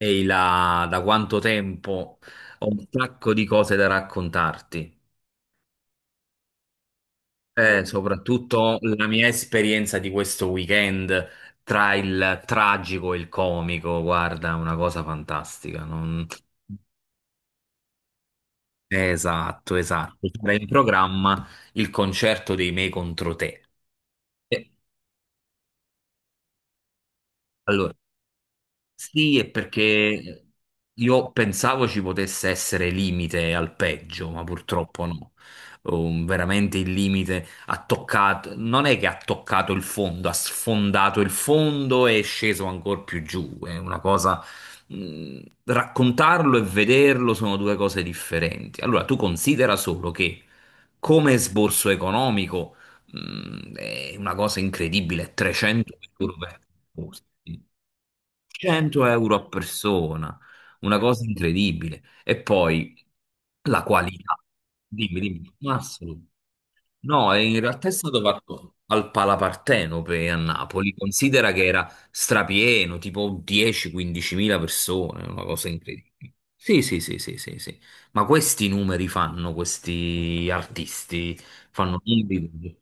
Ehi là, da quanto tempo? Ho un sacco di cose da raccontarti. Soprattutto la mia esperienza di questo weekend tra il tragico e il comico, guarda, una cosa fantastica. Esatto, esatto. C'era in programma il concerto dei Me contro te. Eh, Allora, sì, è perché io pensavo ci potesse essere limite al peggio, ma purtroppo no. Veramente il limite ha toccato, non è che ha toccato il fondo, ha sfondato il fondo e è sceso ancora più giù. È una cosa. Raccontarlo e vederlo sono due cose differenti. Allora, tu considera solo che come sborso economico. È una cosa incredibile, 300 euro per persona. 100 euro a persona, una cosa incredibile. E poi la qualità. Dimmi, dimmi, Massimo. No, e in realtà è stato fatto al Palapartenope a Napoli. Considera che era strapieno, tipo 10-15 mila persone, una cosa incredibile. Sì, sì, sì, sì, sì, sì. Ma questi numeri fanno, questi artisti fanno numeri.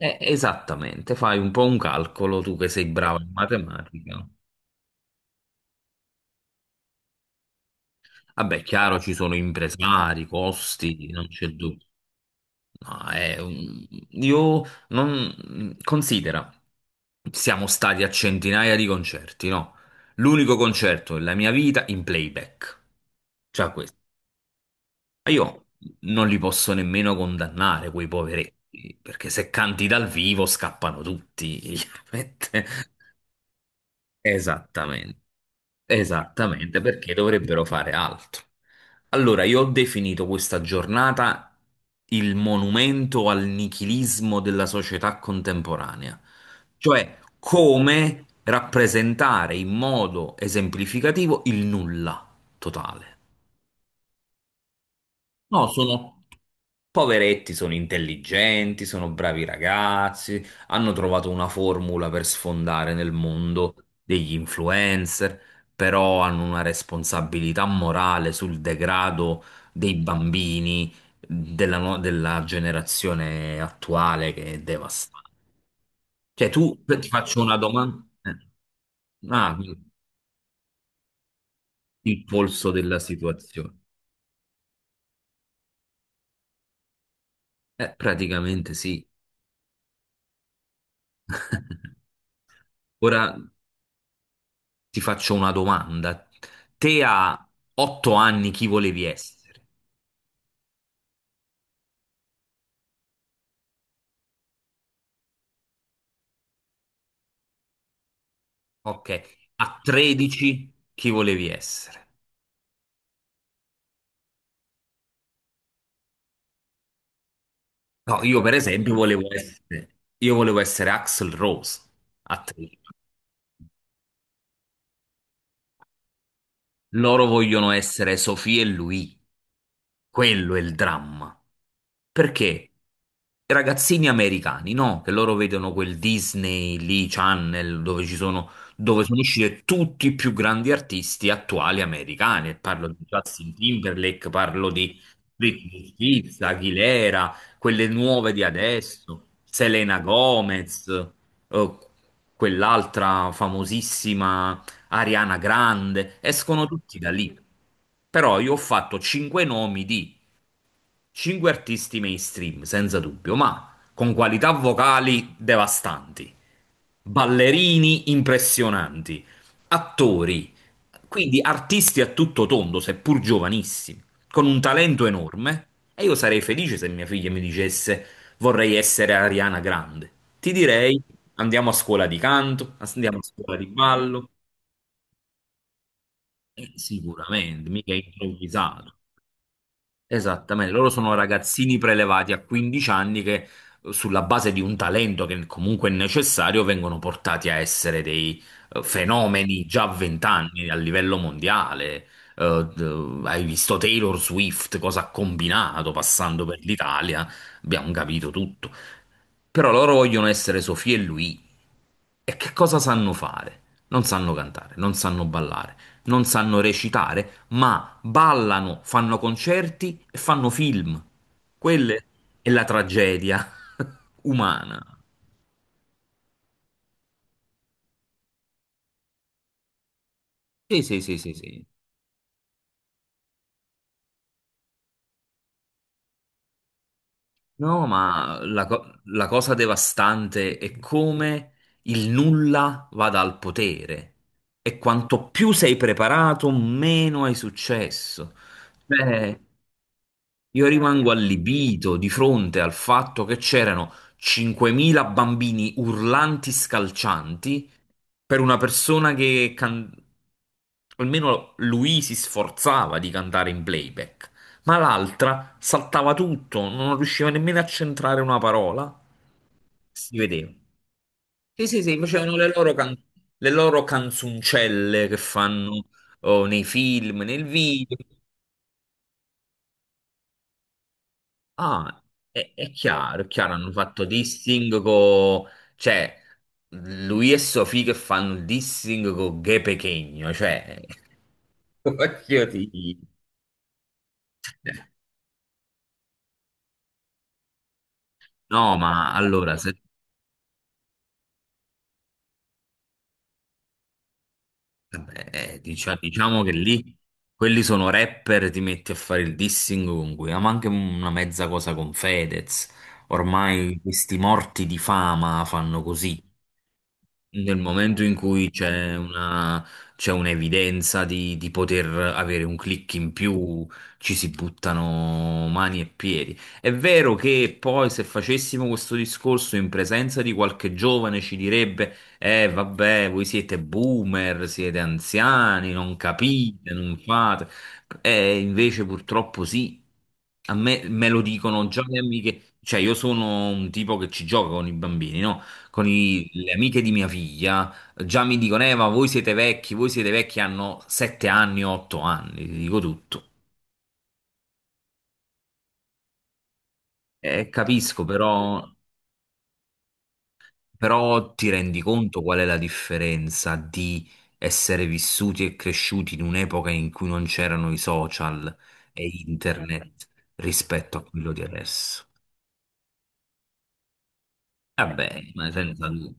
Esattamente, fai un po' un calcolo tu che sei brava in matematica. Vabbè, chiaro, ci sono impresari, costi, non c'è dubbio. No, io non... Considera, siamo stati a centinaia di concerti, no? L'unico concerto della mia vita in playback. Cioè questo. Ma io non li posso nemmeno condannare, quei poveretti, perché se canti dal vivo scappano tutti, chiaramente. Esattamente, esattamente, perché dovrebbero fare altro. Allora, io ho definito questa giornata il monumento al nichilismo della società contemporanea, cioè come rappresentare in modo esemplificativo il nulla totale. No, sono poveretti, sono intelligenti, sono bravi ragazzi, hanno trovato una formula per sfondare nel mondo degli influencer, però hanno una responsabilità morale sul degrado dei bambini della, no- della generazione attuale che è devastante. Cioè, tu ti faccio una domanda. Ah, quindi il polso della situazione. Praticamente sì. Ora. Ti faccio una domanda. Te a 8 anni chi volevi essere? Ok, a 13 chi volevi essere? No, io per esempio volevo essere Axl Rose a 13. Loro vogliono essere Sofì e lui. Quello è il dramma. Perché i ragazzini americani, no? Che loro vedono quel Disney lì, Channel, dove sono usciti tutti i più grandi artisti attuali americani. Parlo di Justin Timberlake, parlo di Britney Spears, Aguilera, quelle nuove di adesso, Selena Gomez, eh, quell'altra famosissima Ariana Grande, escono tutti da lì. Però io ho fatto cinque nomi di cinque artisti mainstream, senza dubbio, ma con qualità vocali devastanti, ballerini impressionanti, attori, quindi artisti a tutto tondo, seppur giovanissimi, con un talento enorme. E io sarei felice se mia figlia mi dicesse vorrei essere Ariana Grande. Ti direi andiamo a scuola di canto, andiamo a scuola di ballo. Sicuramente, mica è improvvisato. Esattamente, loro sono ragazzini prelevati a 15 anni che sulla base di un talento che comunque è necessario vengono portati a essere dei fenomeni già a 20 anni a livello mondiale. Hai visto Taylor Swift, cosa ha combinato passando per l'Italia, abbiamo capito tutto. Però loro vogliono essere Sofì e lui. E che cosa sanno fare? Non sanno cantare, non sanno ballare, non sanno recitare, ma ballano, fanno concerti e fanno film. Quella è la tragedia umana. Sì, sì, sì, sì, sì. No, ma la cosa devastante è come il nulla vada al potere e quanto più sei preparato, meno hai successo. Cioè, io rimango allibito di fronte al fatto che c'erano 5.000 bambini urlanti, scalcianti, per una persona che almeno lui si sforzava di cantare in playback, ma l'altra saltava tutto, non riusciva nemmeno a centrare una parola. Si vedeva. Sì, sì, sì, facevano le loro, le loro canzoncelle che fanno oh, nei film, nel video. Ah, è chiaro, è chiaro, hanno fatto dissing con... Cioè, lui e Sofì che fanno il dissing con Ghe Pechegno, cioè... voglio dire. No, ma allora, vabbè, diciamo che lì quelli sono rapper, ti metti a fare il dissing con cui, ma anche una mezza cosa con Fedez. Ormai questi morti di fama fanno così. Nel momento in cui c'è un'evidenza di poter avere un click in più, ci si buttano mani e piedi. È vero che poi se facessimo questo discorso in presenza di qualche giovane ci direbbe: vabbè, voi siete boomer, siete anziani, non capite, non fate. E invece purtroppo sì. A me, me lo dicono già le amiche, cioè io sono un tipo che ci gioca con i bambini, no? Con le amiche di mia figlia, già mi dicono, ma voi siete vecchi, hanno 7 anni, 8 anni, ti dico tutto. Capisco, però, però ti rendi conto qual è la differenza di essere vissuti e cresciuti in un'epoca in cui non c'erano i social e internet rispetto a quello di adesso? Vabbè, ma senza dubbio.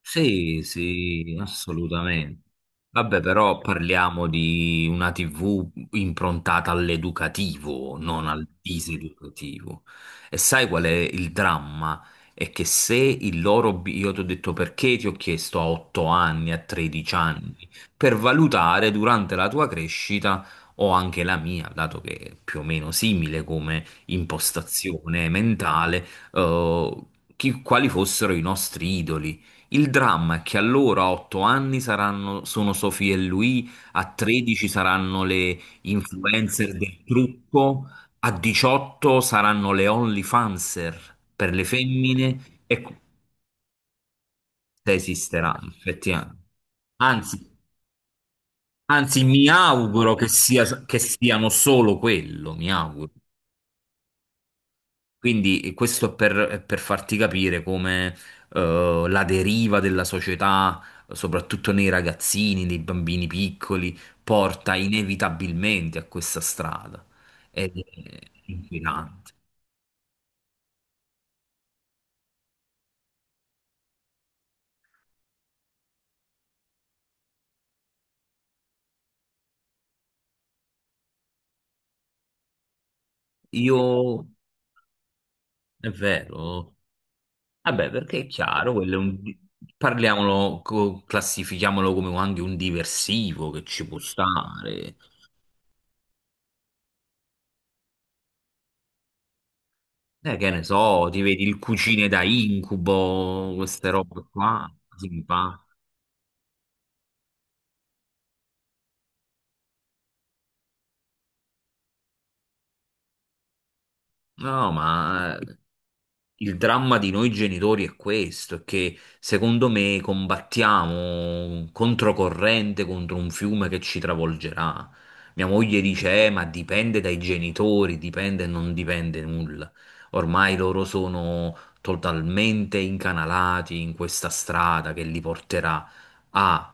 Sì, sì, assolutamente. Vabbè, però parliamo di una TV improntata all'educativo, non al diseducativo. E sai qual è il dramma? È che se il loro... Io ti ho detto perché ti ho chiesto a 8 anni, a 13 anni, per valutare durante la tua crescita o anche la mia, dato che è più o meno simile come impostazione mentale, eh, quali fossero i nostri idoli. Il dramma è che allora a 8 anni saranno, sono Sophie e lui, a 13 saranno le influencer del trucco, a 18 saranno le OnlyFanser per le femmine e se esisterà effettivamente. Anzi, anzi, mi auguro che sia, che siano solo quello, mi auguro. Quindi questo è per farti capire come la deriva della società, soprattutto nei ragazzini, nei bambini piccoli, porta inevitabilmente a questa strada. Ed è inquietante. Io, è vero, vabbè, perché è chiaro, parliamolo, classifichiamolo come anche un diversivo che ci può stare. Che ne so, ti vedi il cucine da incubo, queste robe qua. No, ma sì. Il dramma di noi genitori è questo, è che secondo me combattiamo controcorrente contro un fiume che ci travolgerà. Mia moglie dice, ma dipende dai genitori, dipende e non dipende nulla." Ormai loro sono totalmente incanalati in questa strada che li porterà a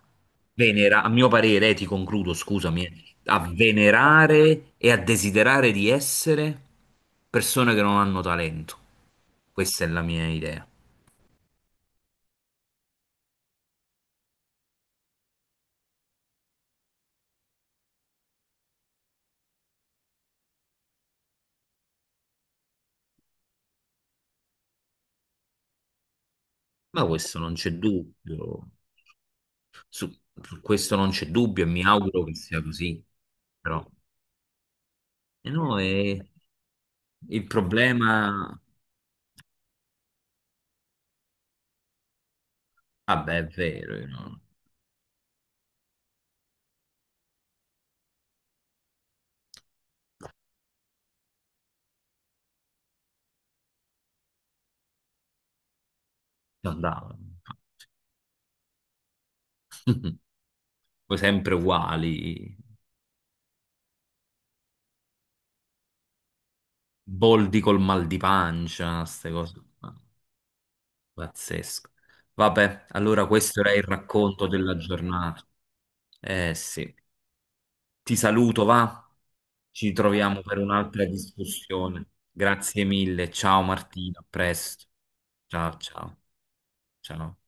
a mio parere, ti concludo, scusami, a venerare e a desiderare di essere persone che non hanno talento. Questa è la mia idea. Ma questo non c'è dubbio. Su, su questo non c'è dubbio e mi auguro che sia così. Però, e no, e il problema... Vabbè, è vero, io non andavo. Poi sempre uguali, boldi col mal di pancia, queste cose qua. Pazzesco. Vabbè, allora questo era il racconto della giornata. Eh sì, ti saluto, va? Ci troviamo per un'altra discussione. Grazie mille, ciao Martina, a presto. Ciao, ciao, ciao.